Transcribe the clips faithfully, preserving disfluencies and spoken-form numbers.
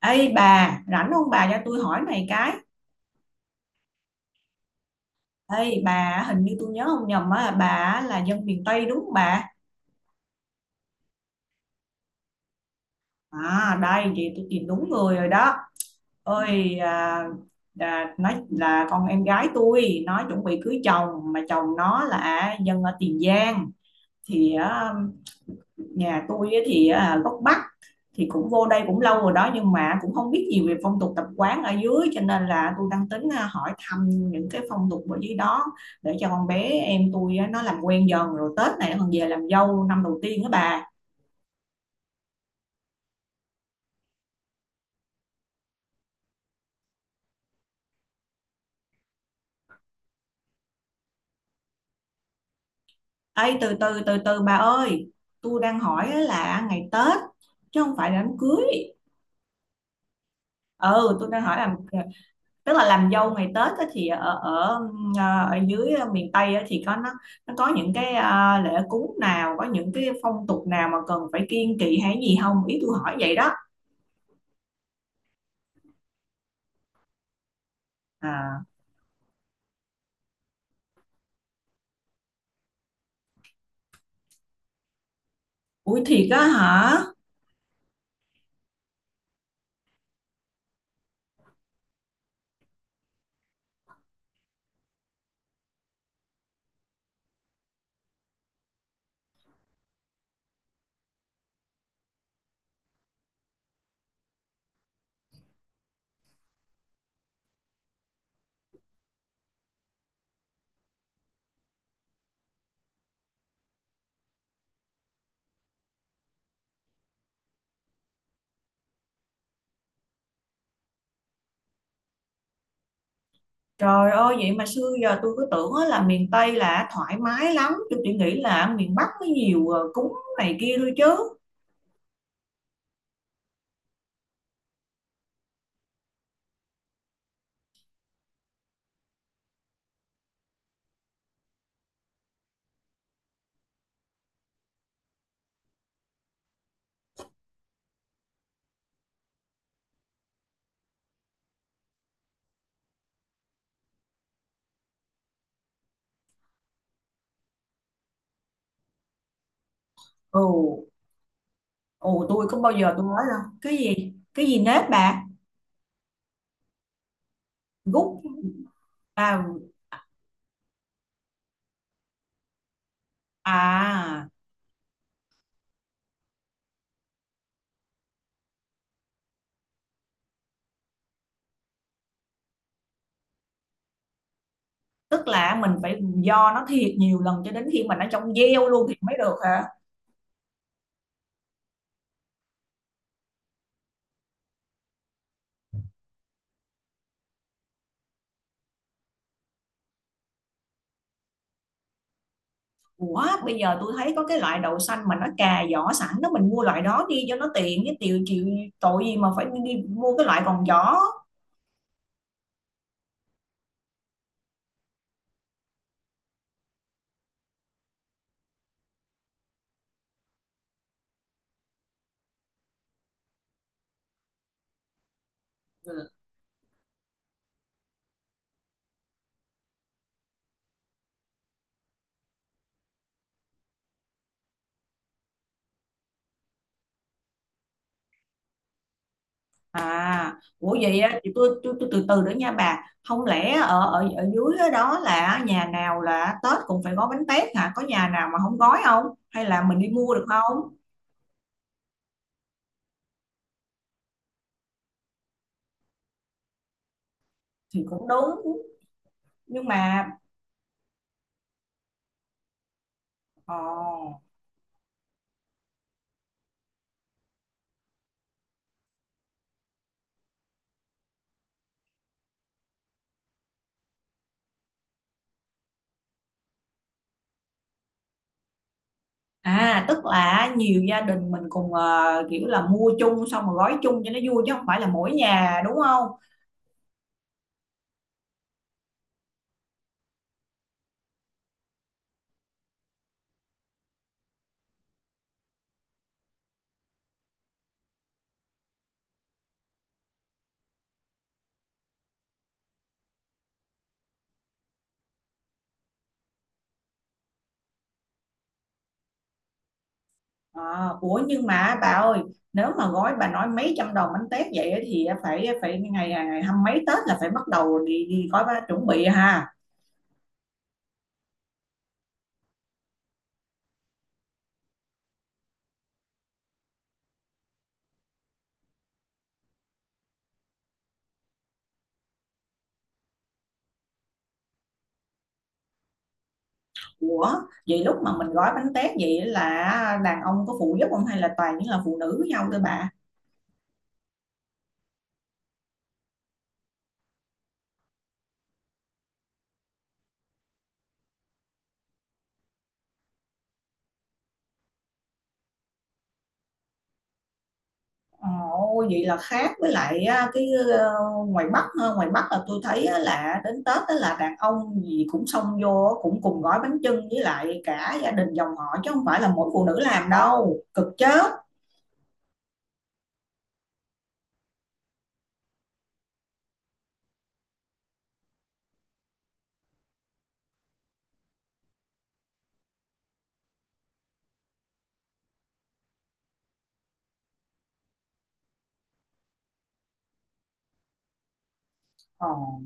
Ê bà, rảnh không bà cho tôi hỏi này cái. Ê bà, hình như tôi nhớ không nhầm á, bà á là dân miền Tây đúng không bà? À đây, vậy tôi tìm đúng người rồi đó. Ôi, à, à, nói là con em gái tôi, nó chuẩn bị cưới chồng, mà chồng nó là dân ở Tiền Giang. Thì á, nhà tôi á thì à, gốc Bắc, thì cũng vô đây cũng lâu rồi đó nhưng mà cũng không biết gì về phong tục tập quán ở dưới cho nên là tôi đang tính à, hỏi thăm những cái phong tục ở dưới đó để cho con bé em tôi á, nó làm quen dần rồi Tết này còn về làm dâu năm đầu tiên đó bà. Ấy từ từ từ từ bà ơi, tôi đang hỏi á là ngày Tết chứ không phải là đám cưới. Ừ, tôi đang hỏi là tức là làm dâu ngày Tết á, thì ở ở ờ, ở dưới ờ, miền Tây á, thì có nó nó có những cái ờ, lễ cúng nào có những cái phong tục nào mà cần phải kiêng kỵ hay gì không ý tôi hỏi vậy đó. À, ui thiệt á hả. Trời ơi vậy mà xưa giờ tôi cứ tưởng á là miền Tây là thoải mái lắm, tôi chỉ nghĩ là miền Bắc có nhiều ờ, cúng này kia thôi chứ. Ồ, ồ tôi có bao giờ tôi nói đâu cái gì cái gì nếp bà. Gút. À, à. Tức là mình phải do nó thiệt nhiều lần cho đến khi mà nó trong gieo luôn thì mới được hả? Ủa bây giờ tôi thấy có cái loại đậu xanh mà nó cà vỏ sẵn đó mình mua loại đó đi cho nó tiện cái tiều chịu tội gì mà phải đi mua cái loại còn vỏ. À, ủa vậy á, thì tôi, tôi, tôi từ từ nữa nha bà. Không lẽ ở ở ở dưới đó đó là nhà nào là Tết cũng phải gói bánh tét hả? Có nhà nào mà không gói không? Hay là mình đi mua được không? Thì cũng đúng. Nhưng mà ờ à tức là nhiều gia đình mình cùng ờ, kiểu là mua chung xong rồi gói chung cho nó vui chứ không phải là mỗi nhà đúng không? À, ủa nhưng mà bà ơi, nếu mà gói bà nói mấy trăm đồng bánh tét vậy á thì phải phải ngày ngày hăm mấy Tết là phải bắt đầu đi, đi gói bánh chuẩn bị ha. Ủa vậy lúc mà mình gói bánh tét vậy là đàn ông có phụ giúp không hay là toàn những là phụ nữ với nhau thôi bà? Ồ, vậy là khác với lại á, cái ờ, ngoài Bắc ha. Ngoài Bắc là tôi thấy á là đến Tết á là đàn ông gì cũng xông vô á, cũng cùng gói bánh chưng với lại cả gia đình dòng họ chứ không phải là mỗi phụ nữ làm đâu cực chết. Ồ.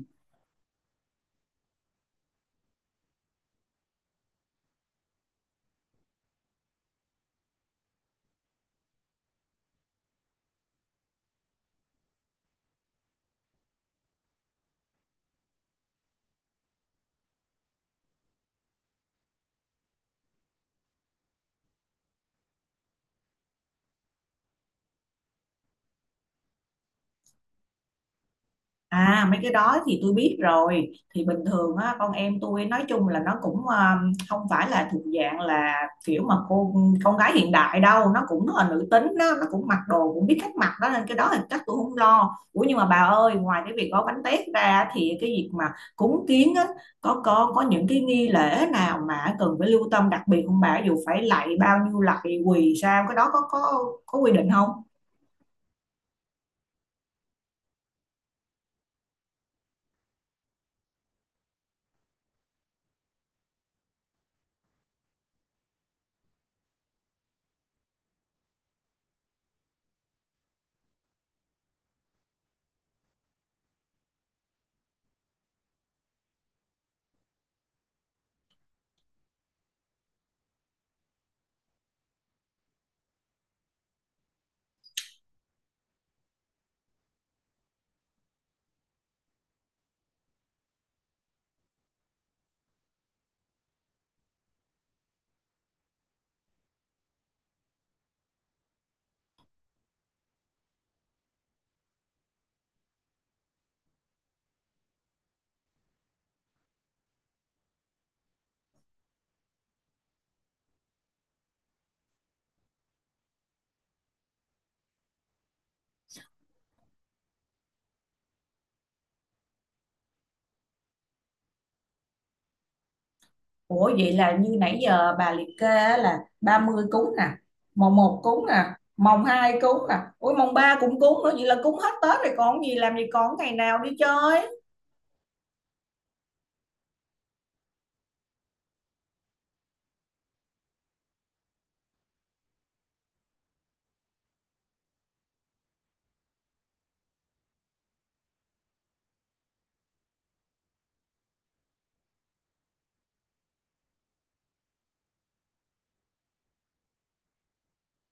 À mấy cái đó thì tôi biết rồi. Thì bình thường á, con em tôi nói chung là nó cũng um, không phải là thuộc dạng là kiểu mà cô con gái hiện đại đâu. Nó cũng rất là nữ tính đó, nó cũng mặc đồ cũng biết cách mặc đó. Nên cái đó thì chắc tôi không lo. Ủa nhưng mà bà ơi, ngoài cái việc gói bánh tét ra thì cái việc mà cúng kiến á, có, có, có những cái nghi lễ nào mà cần phải lưu tâm đặc biệt không bà? Dù phải lạy bao nhiêu lạy quỳ sao cái đó có, có, có quy định không? Ủa vậy là như nãy giờ bà liệt kê á là ba mươi cúng nè, mồng một cúng nè, mồng hai cúng nè, ủa mồng ba cũng cúng nữa, vậy là cúng hết Tết rồi còn gì làm gì còn ngày nào đi chơi.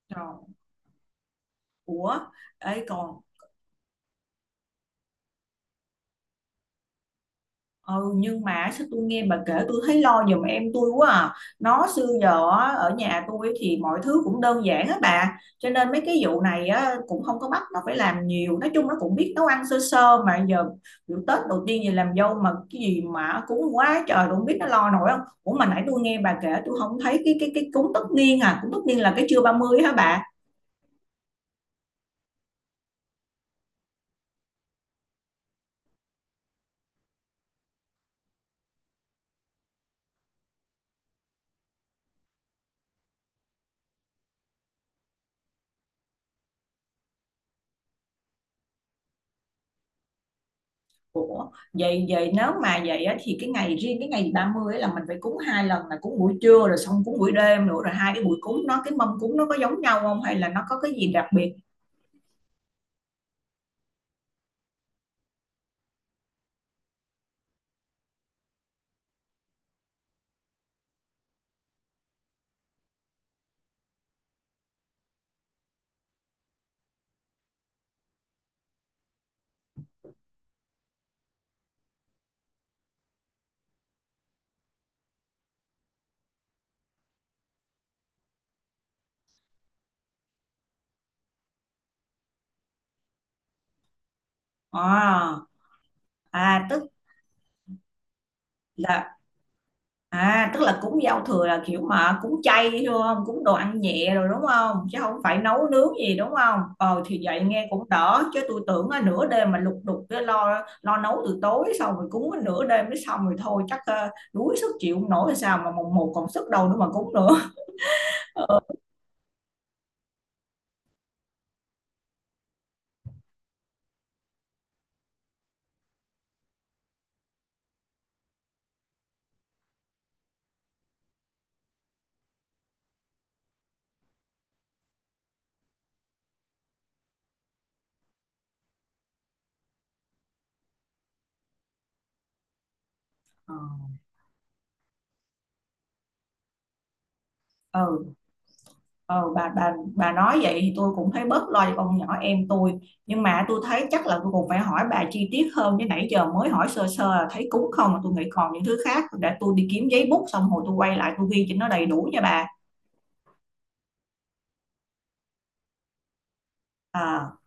Trời, ủa, ấy còn. Ừ, nhưng mà sao tôi nghe bà kể tôi thấy lo giùm em tôi quá à. Nó xưa giờ á, ở nhà tôi thì mọi thứ cũng đơn giản á bà, cho nên mấy cái vụ này á, cũng không có bắt nó phải làm nhiều, nói chung nó cũng biết nấu ăn sơ sơ mà giờ vụ Tết đầu tiên gì làm dâu mà cái gì mà cúng quá trời tôi không biết nó lo nổi không. Ủa mà nãy tôi nghe bà kể tôi không thấy cái cái cái cúng tất niên, à cúng tất niên là cái trưa ba mươi hả bà? Ủa, vậy vậy nếu mà vậy á, thì cái ngày riêng cái ngày ba mươi ấy là mình phải cúng hai lần là cúng buổi trưa rồi xong cúng buổi đêm nữa rồi hai cái buổi cúng nó cái mâm cúng nó có giống nhau không hay là nó có cái gì đặc biệt. à, à tức là À, tức là cúng giao thừa là kiểu mà cúng chay thôi không? Cúng đồ ăn nhẹ rồi đúng không? Chứ không phải nấu nướng gì đúng không? Ờ thì vậy nghe cũng đỡ chứ tôi tưởng á, nửa đêm mà lục đục cái lo lo nấu từ tối xong rồi cúng cái nửa đêm mới xong rồi thôi chắc ờ, đuối sức chịu không nổi hay sao mà mùng một còn sức đâu nữa mà cúng nữa. Ờ. Ờ. ờ, bà bà bà nói vậy thì tôi cũng thấy bớt lo cho con nhỏ em tôi, nhưng mà tôi thấy chắc là tôi cũng phải hỏi bà chi tiết hơn chứ nãy giờ mới hỏi sơ sơ là thấy cúng không mà tôi nghĩ còn những thứ khác để tôi đi kiếm giấy bút xong rồi tôi quay lại tôi ghi cho nó đầy đủ nha bà. À